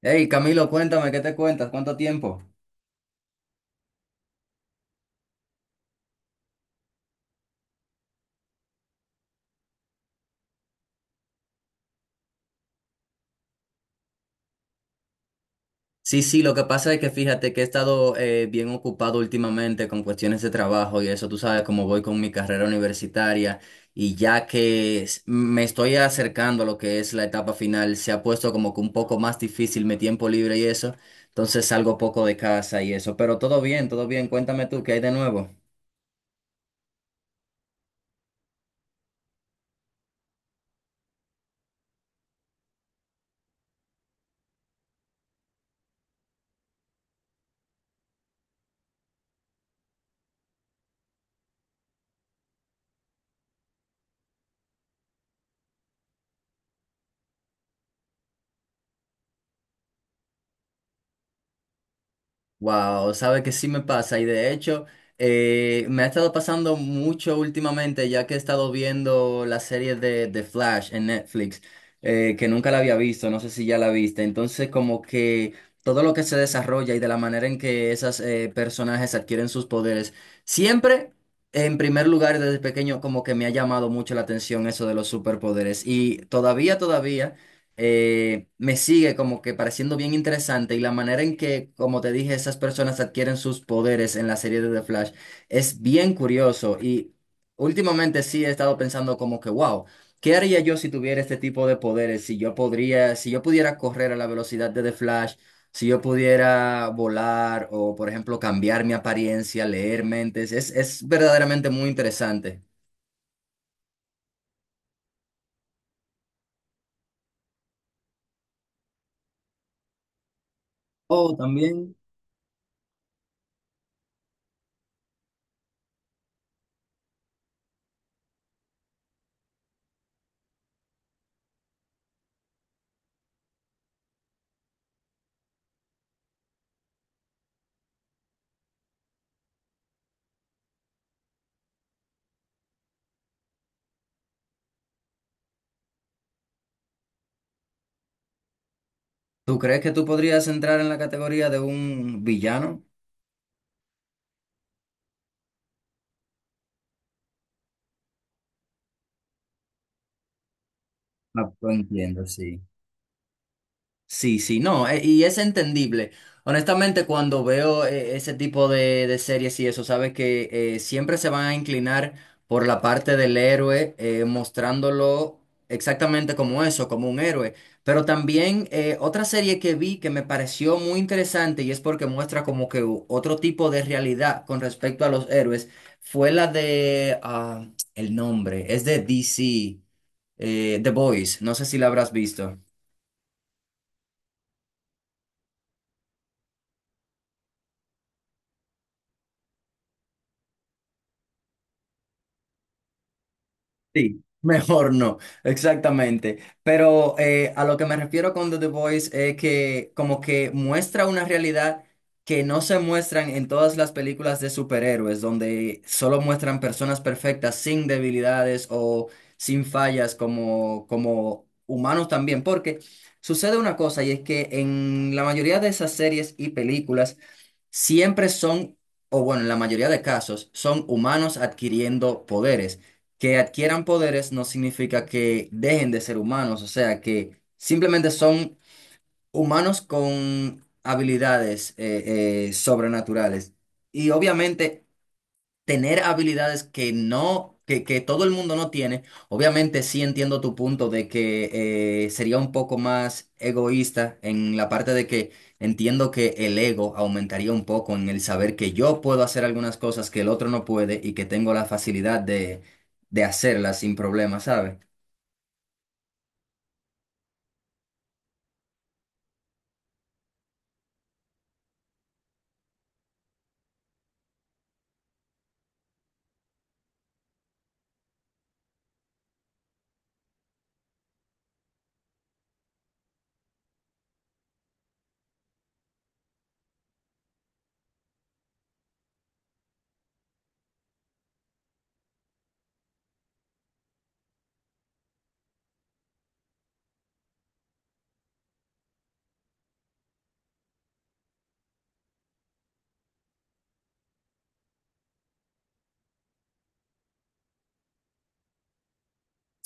Hey, Camilo, cuéntame, ¿qué te cuentas? ¿Cuánto tiempo? Sí, sí, lo que pasa es que fíjate que he estado bien ocupado últimamente con cuestiones de trabajo y eso, tú sabes cómo voy con mi carrera universitaria y ya que me estoy acercando a lo que es la etapa final, se ha puesto como que un poco más difícil mi tiempo libre y eso, entonces salgo poco de casa y eso, pero todo bien, cuéntame tú, ¿qué hay de nuevo? Wow, sabe que sí me pasa y de hecho me ha estado pasando mucho últimamente ya que he estado viendo la serie de Flash en Netflix, que nunca la había visto, no sé si ya la viste, entonces como que todo lo que se desarrolla y de la manera en que esos personajes adquieren sus poderes, siempre en primer lugar desde pequeño como que me ha llamado mucho la atención eso de los superpoderes y todavía me sigue como que pareciendo bien interesante y la manera en que, como te dije, esas personas adquieren sus poderes en la serie de The Flash es bien curioso. Y últimamente sí he estado pensando como que, wow, ¿qué haría yo si tuviera este tipo de poderes? Si yo podría, si yo pudiera correr a la velocidad de The Flash, si yo pudiera volar o, por ejemplo, cambiar mi apariencia, leer mentes, es verdaderamente muy interesante. O también, ¿tú crees que tú podrías entrar en la categoría de un villano? Ah, pues entiendo, sí. Sí, sí, no, y es entendible. Honestamente, cuando veo ese tipo de series y eso, sabes que siempre se van a inclinar por la parte del héroe, mostrándolo exactamente como eso, como un héroe. Pero también, otra serie que vi que me pareció muy interesante y es porque muestra como que otro tipo de realidad con respecto a los héroes fue la de, ah, el nombre, es de DC, The Boys, no sé si la habrás visto. Sí, mejor no, exactamente. Pero a lo que me refiero con The Voice es que como que muestra una realidad que no se muestran en todas las películas de superhéroes, donde solo muestran personas perfectas sin debilidades o sin fallas como humanos también. Porque sucede una cosa y es que en la mayoría de esas series y películas siempre son, o bueno, en la mayoría de casos, son humanos adquiriendo poderes que adquieran poderes no significa que dejen de ser humanos, o sea, que simplemente son humanos con habilidades sobrenaturales. Y obviamente tener habilidades que todo el mundo no tiene. Obviamente sí entiendo tu punto de que, sería un poco más egoísta en la parte de que entiendo que el ego aumentaría un poco en el saber que yo puedo hacer algunas cosas que el otro no puede y que tengo la facilidad de hacerlas sin problema, ¿sabes?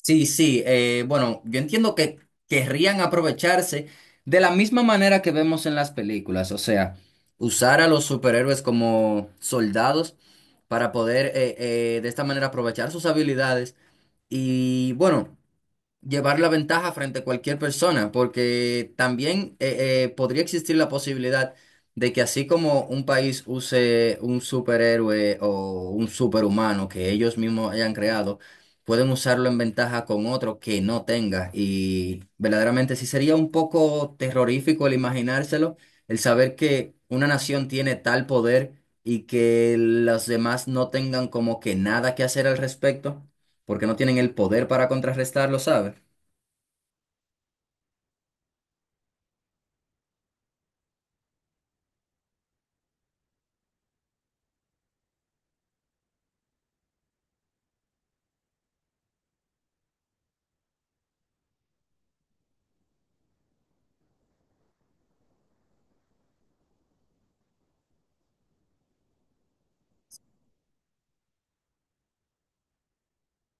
Sí, sí, bueno, yo entiendo que querrían aprovecharse de la misma manera que vemos en las películas, o sea, usar a los superhéroes como soldados para poder de esta manera aprovechar sus habilidades. Y bueno, llevar la ventaja frente a cualquier persona, porque también, podría existir la posibilidad de que así como un país use un superhéroe o un superhumano que ellos mismos hayan creado, pueden usarlo en ventaja con otro que no tenga. Y verdaderamente sí sería un poco terrorífico el imaginárselo, el saber que una nación tiene tal poder y que los demás no tengan como que nada que hacer al respecto, porque no tienen el poder para contrarrestarlo, ¿sabes?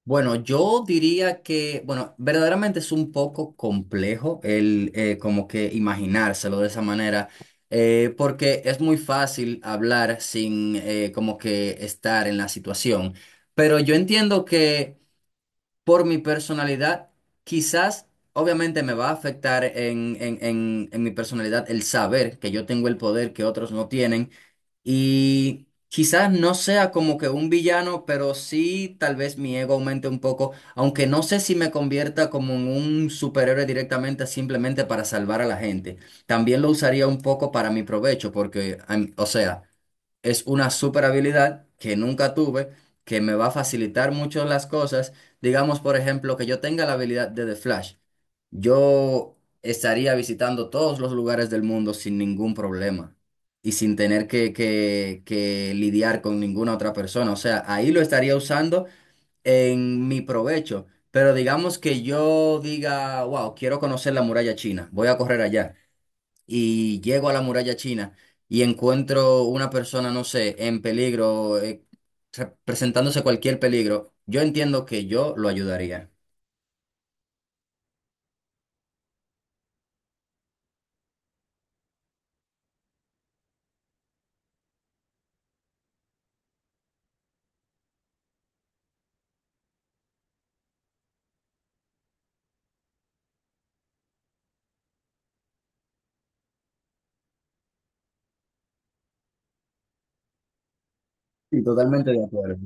Bueno, yo diría que, bueno, verdaderamente es un poco complejo el, como que imaginárselo de esa manera, porque es muy fácil hablar sin, como que estar en la situación. Pero yo entiendo que por mi personalidad, quizás, obviamente me va a afectar en mi personalidad el saber que yo tengo el poder que otros no tienen. Y quizás no sea como que un villano, pero sí tal vez mi ego aumente un poco, aunque no sé si me convierta como en un superhéroe directamente simplemente para salvar a la gente. También lo usaría un poco para mi provecho, porque, o sea, es una super habilidad que nunca tuve, que me va a facilitar mucho las cosas. Digamos, por ejemplo, que yo tenga la habilidad de The Flash. Yo estaría visitando todos los lugares del mundo sin ningún problema y sin tener que lidiar con ninguna otra persona. O sea, ahí lo estaría usando en mi provecho. Pero digamos que yo diga, wow, quiero conocer la muralla china, voy a correr allá y llego a la muralla china y encuentro una persona, no sé, en peligro, presentándose cualquier peligro, yo entiendo que yo lo ayudaría. Sí, totalmente de acuerdo.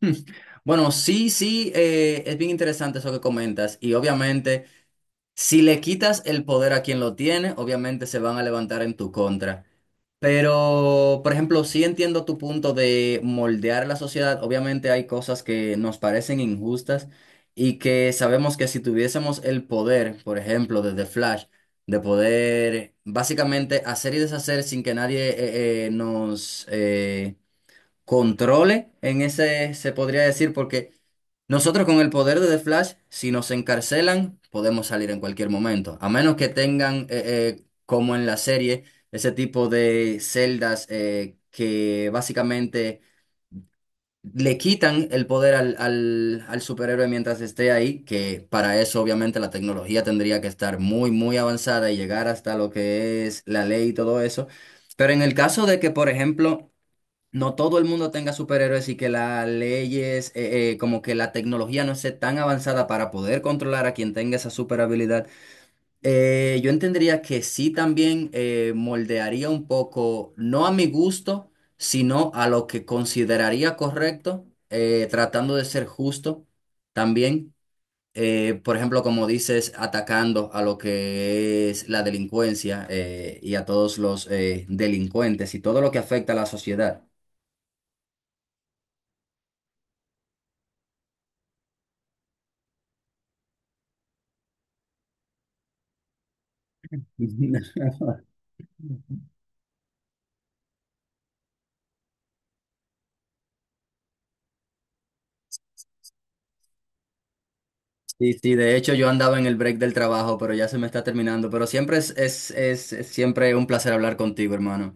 Hmm. Bueno, sí, sí, es bien interesante eso que comentas. Y obviamente, si le quitas el poder a quien lo tiene, obviamente se van a levantar en tu contra. Pero, por ejemplo, sí entiendo tu punto de moldear la sociedad. Obviamente hay cosas que nos parecen injustas y que sabemos que si tuviésemos el poder, por ejemplo, desde Flash, de poder básicamente hacer y deshacer sin que nadie nos... controle en ese, se podría decir, porque nosotros con el poder de The Flash, si nos encarcelan, podemos salir en cualquier momento, a menos que tengan, como en la serie, ese tipo de celdas que básicamente le quitan el poder al superhéroe mientras esté ahí, que para eso obviamente la tecnología tendría que estar muy, muy avanzada y llegar hasta lo que es la ley y todo eso. Pero en el caso de que, por ejemplo, no todo el mundo tenga superhéroes y que las leyes, como que la tecnología no esté tan avanzada para poder controlar a quien tenga esa super habilidad, yo entendería que sí también, moldearía un poco, no a mi gusto, sino a lo que consideraría correcto, tratando de ser justo también. Por ejemplo, como dices, atacando a lo que es la delincuencia y a todos los delincuentes y todo lo que afecta a la sociedad. Sí, sí, de hecho yo andaba en el break del trabajo, pero ya se me está terminando. Pero siempre es siempre un placer hablar contigo, hermano.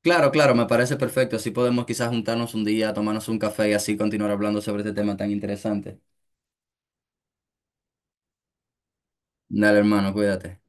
Claro, claro, me parece perfecto. Así podemos quizás juntarnos un día, tomarnos un café y así continuar hablando sobre este tema tan interesante. Dale, hermano, cuídate.